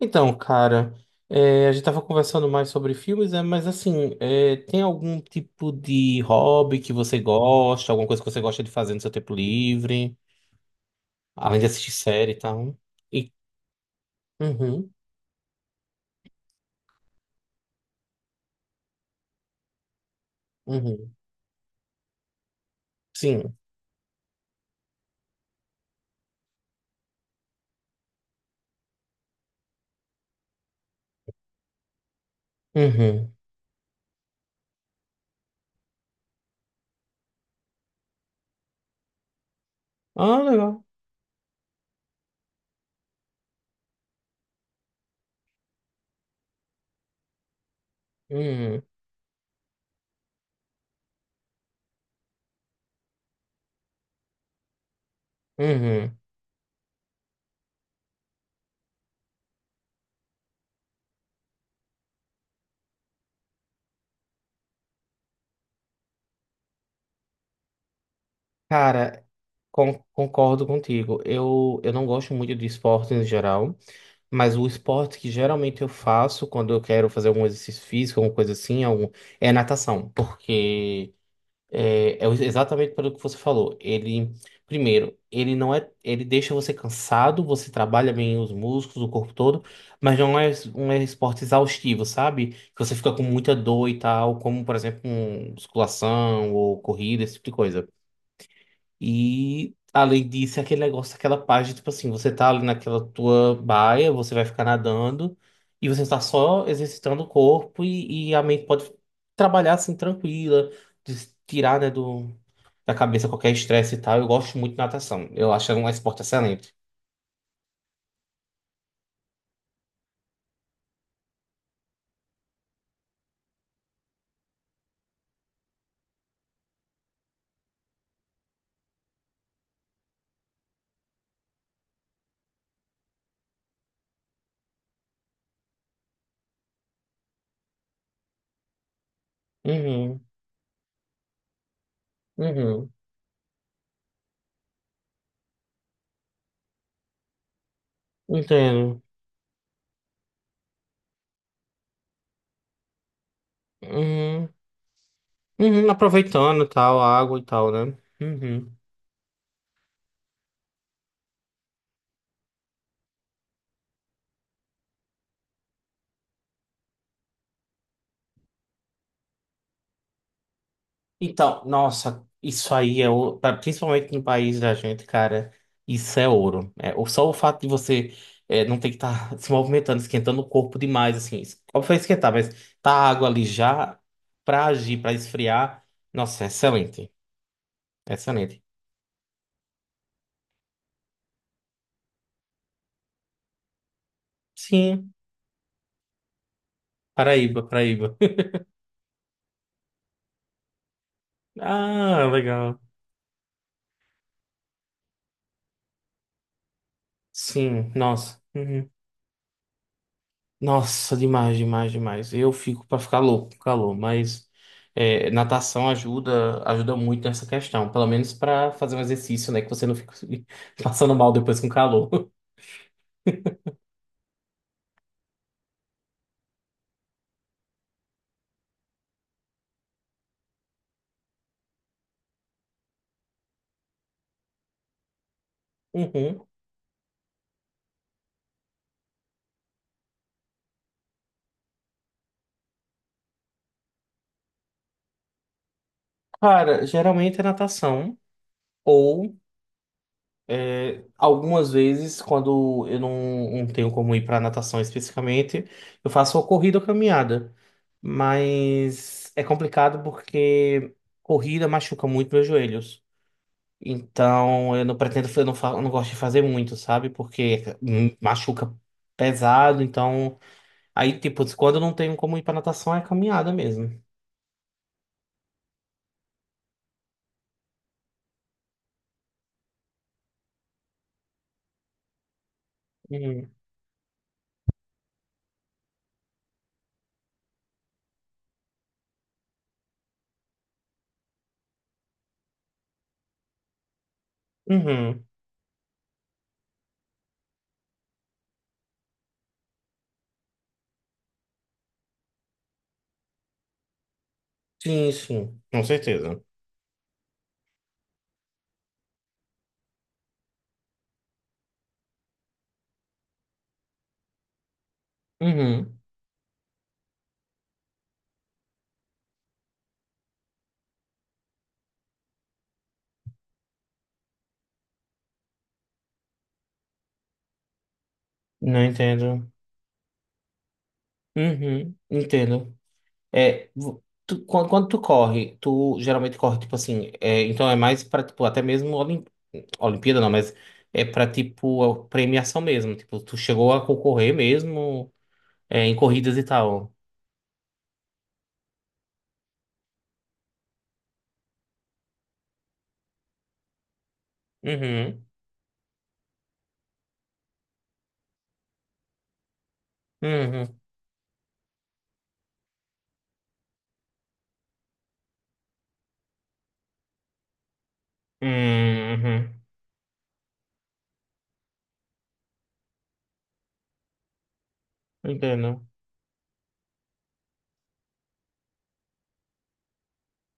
Então, cara, a gente tava conversando mais sobre filmes, né? Mas assim, tem algum tipo de hobby que você gosta, alguma coisa que você gosta de fazer no seu tempo livre, além de assistir série e tal? E, uhum, uhum, sim, uhum. Ah, legal. Uhum, uhum. Cara, concordo contigo. Eu não gosto muito de esporte em geral, mas o esporte que geralmente eu faço quando eu quero fazer algum exercício físico, alguma coisa assim, algum, é natação, porque exatamente pelo que você falou. Ele, primeiro, ele não é, ele deixa você cansado, você trabalha bem os músculos, o corpo todo, mas não é um esporte exaustivo, sabe? Que você fica com muita dor e tal, como, por exemplo, um, musculação ou corrida, esse tipo de coisa. E, além disso, é aquele negócio, aquela página, tipo assim, você tá ali naquela tua baia, você vai ficar nadando, e você tá só exercitando o corpo e a mente pode trabalhar assim, tranquila de se tirar, né, do da cabeça qualquer estresse e tal. Eu gosto muito de natação. Eu acho um esporte excelente. Uhum, uhum, entendo. Uhum, uhum, aproveitando e tal, a água e tal, né? Uhum. Então, nossa, isso aí principalmente no país da gente, cara, isso é ouro. Só o fato de você não ter que estar se movimentando, esquentando o corpo demais, assim. Óbvio que vai esquentar, mas tá a água ali já pra agir, pra esfriar. Nossa, é excelente. Excelente. Sim, Paraíba, Paraíba. Ah, legal. Sim, nossa. Uhum. Nossa, demais, demais, demais. Eu fico pra ficar louco com calor, mas é, natação ajuda, ajuda muito nessa questão. Pelo menos pra fazer um exercício, né? Que você não fica passando mal depois com calor. Uhum. Cara, geralmente é natação. Ou é, algumas vezes, quando eu não tenho como ir para natação especificamente, eu faço ou corrida ou caminhada. Mas é complicado porque corrida machuca muito meus joelhos. Então eu não pretendo, eu não gosto de fazer muito, sabe? Porque machuca pesado. Então, aí, tipo, quando eu não tenho como ir para natação, é caminhada mesmo. Uhum. Uhum. Sim, sim, com certeza. Uhum. Não entendo. Uhum. Entendo. É, quando, tu corre, tu geralmente corre, tipo assim, é, então é mais pra, tipo, até mesmo Olimpíada, não, mas é pra, tipo, a premiação mesmo, tipo, tu chegou a concorrer mesmo, é, em corridas e tal. Uhum, uhum, uhum, uhum. Entendo,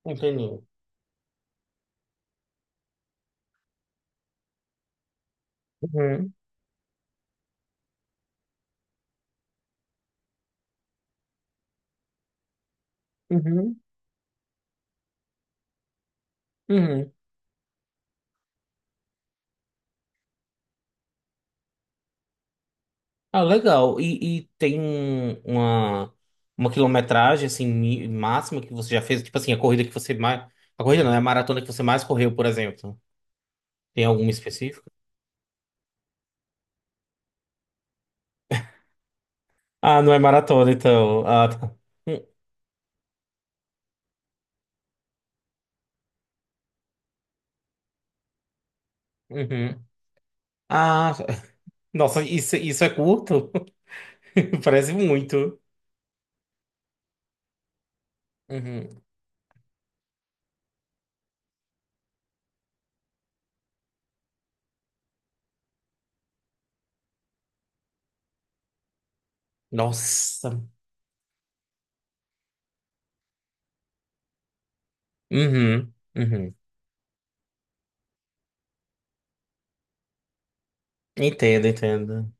entendi. Uhum, uhum, uhum. Ah, legal, e tem um, uma quilometragem, assim, máxima que você já fez, tipo assim, a corrida não, é a maratona que você mais correu, por exemplo. Tem alguma específica? Ah, não é maratona, então. Ah, tá. Hum, uhum. Ah, nossa, isso é curto? Parece muito. Uhum. Nossa. Uhum. Uhum. Entendo, entendo.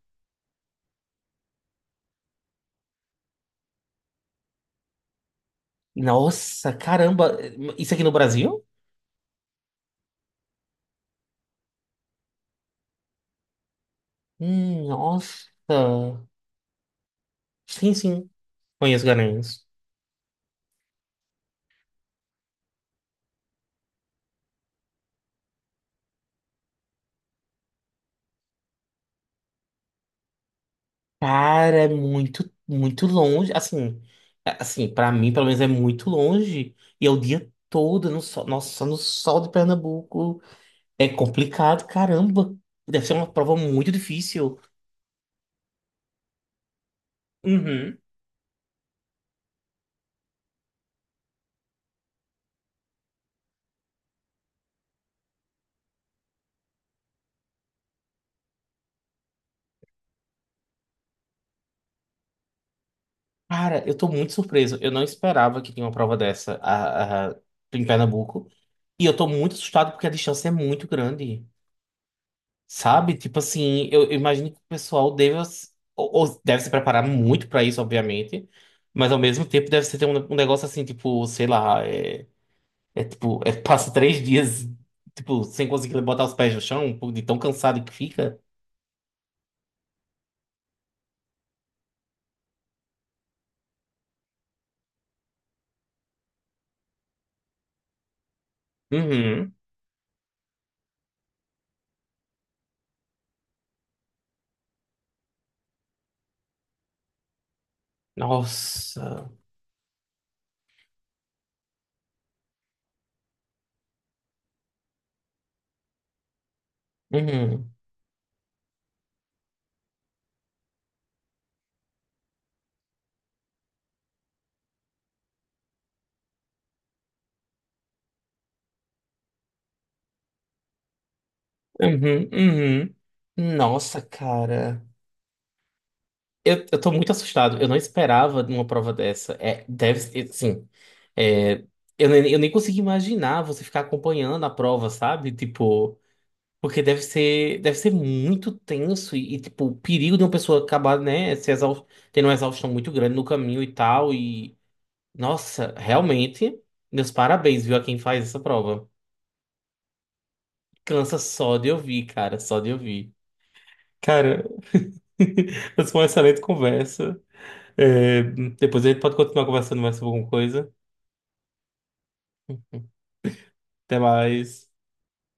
Nossa, caramba. Isso aqui no Brasil? Nossa. Sim, sim. Conheço Garanhuns. Cara, é muito, muito longe. Assim, assim, para mim, pelo menos, é muito longe. E é o dia todo no sol. Nossa, no sol de Pernambuco. É complicado, caramba. Deve ser uma prova muito difícil. Uhum. Cara, eu tô muito surpreso. Eu não esperava que tinha uma prova dessa em Pernambuco. E eu tô muito assustado porque a distância é muito grande. Sabe? Tipo assim, eu imagino que o pessoal deve, ou deve se preparar muito pra isso, obviamente. Mas ao mesmo tempo deve ser ter um, um negócio assim, tipo, sei lá, é, passa três dias, tipo, sem conseguir botar os pés no chão, de tão cansado que fica. Uhum. Nossa. Uhum. Uhum. Uhum. Nossa, cara. Eu tô muito assustado. Eu não esperava de uma prova dessa. É, deve ser, assim. é, eu nem consigo imaginar você ficar acompanhando a prova, sabe? Tipo, porque deve ser muito tenso tipo, o perigo de uma pessoa acabar, né, se exau- tendo uma exaustão muito grande no caminho e tal. E, nossa, realmente, meus parabéns, viu, a quem faz essa prova. Cansa só de ouvir, cara, só de ouvir. Cara, mas foi uma excelente conversa. É, depois a gente pode continuar conversando mais sobre alguma coisa. Até mais.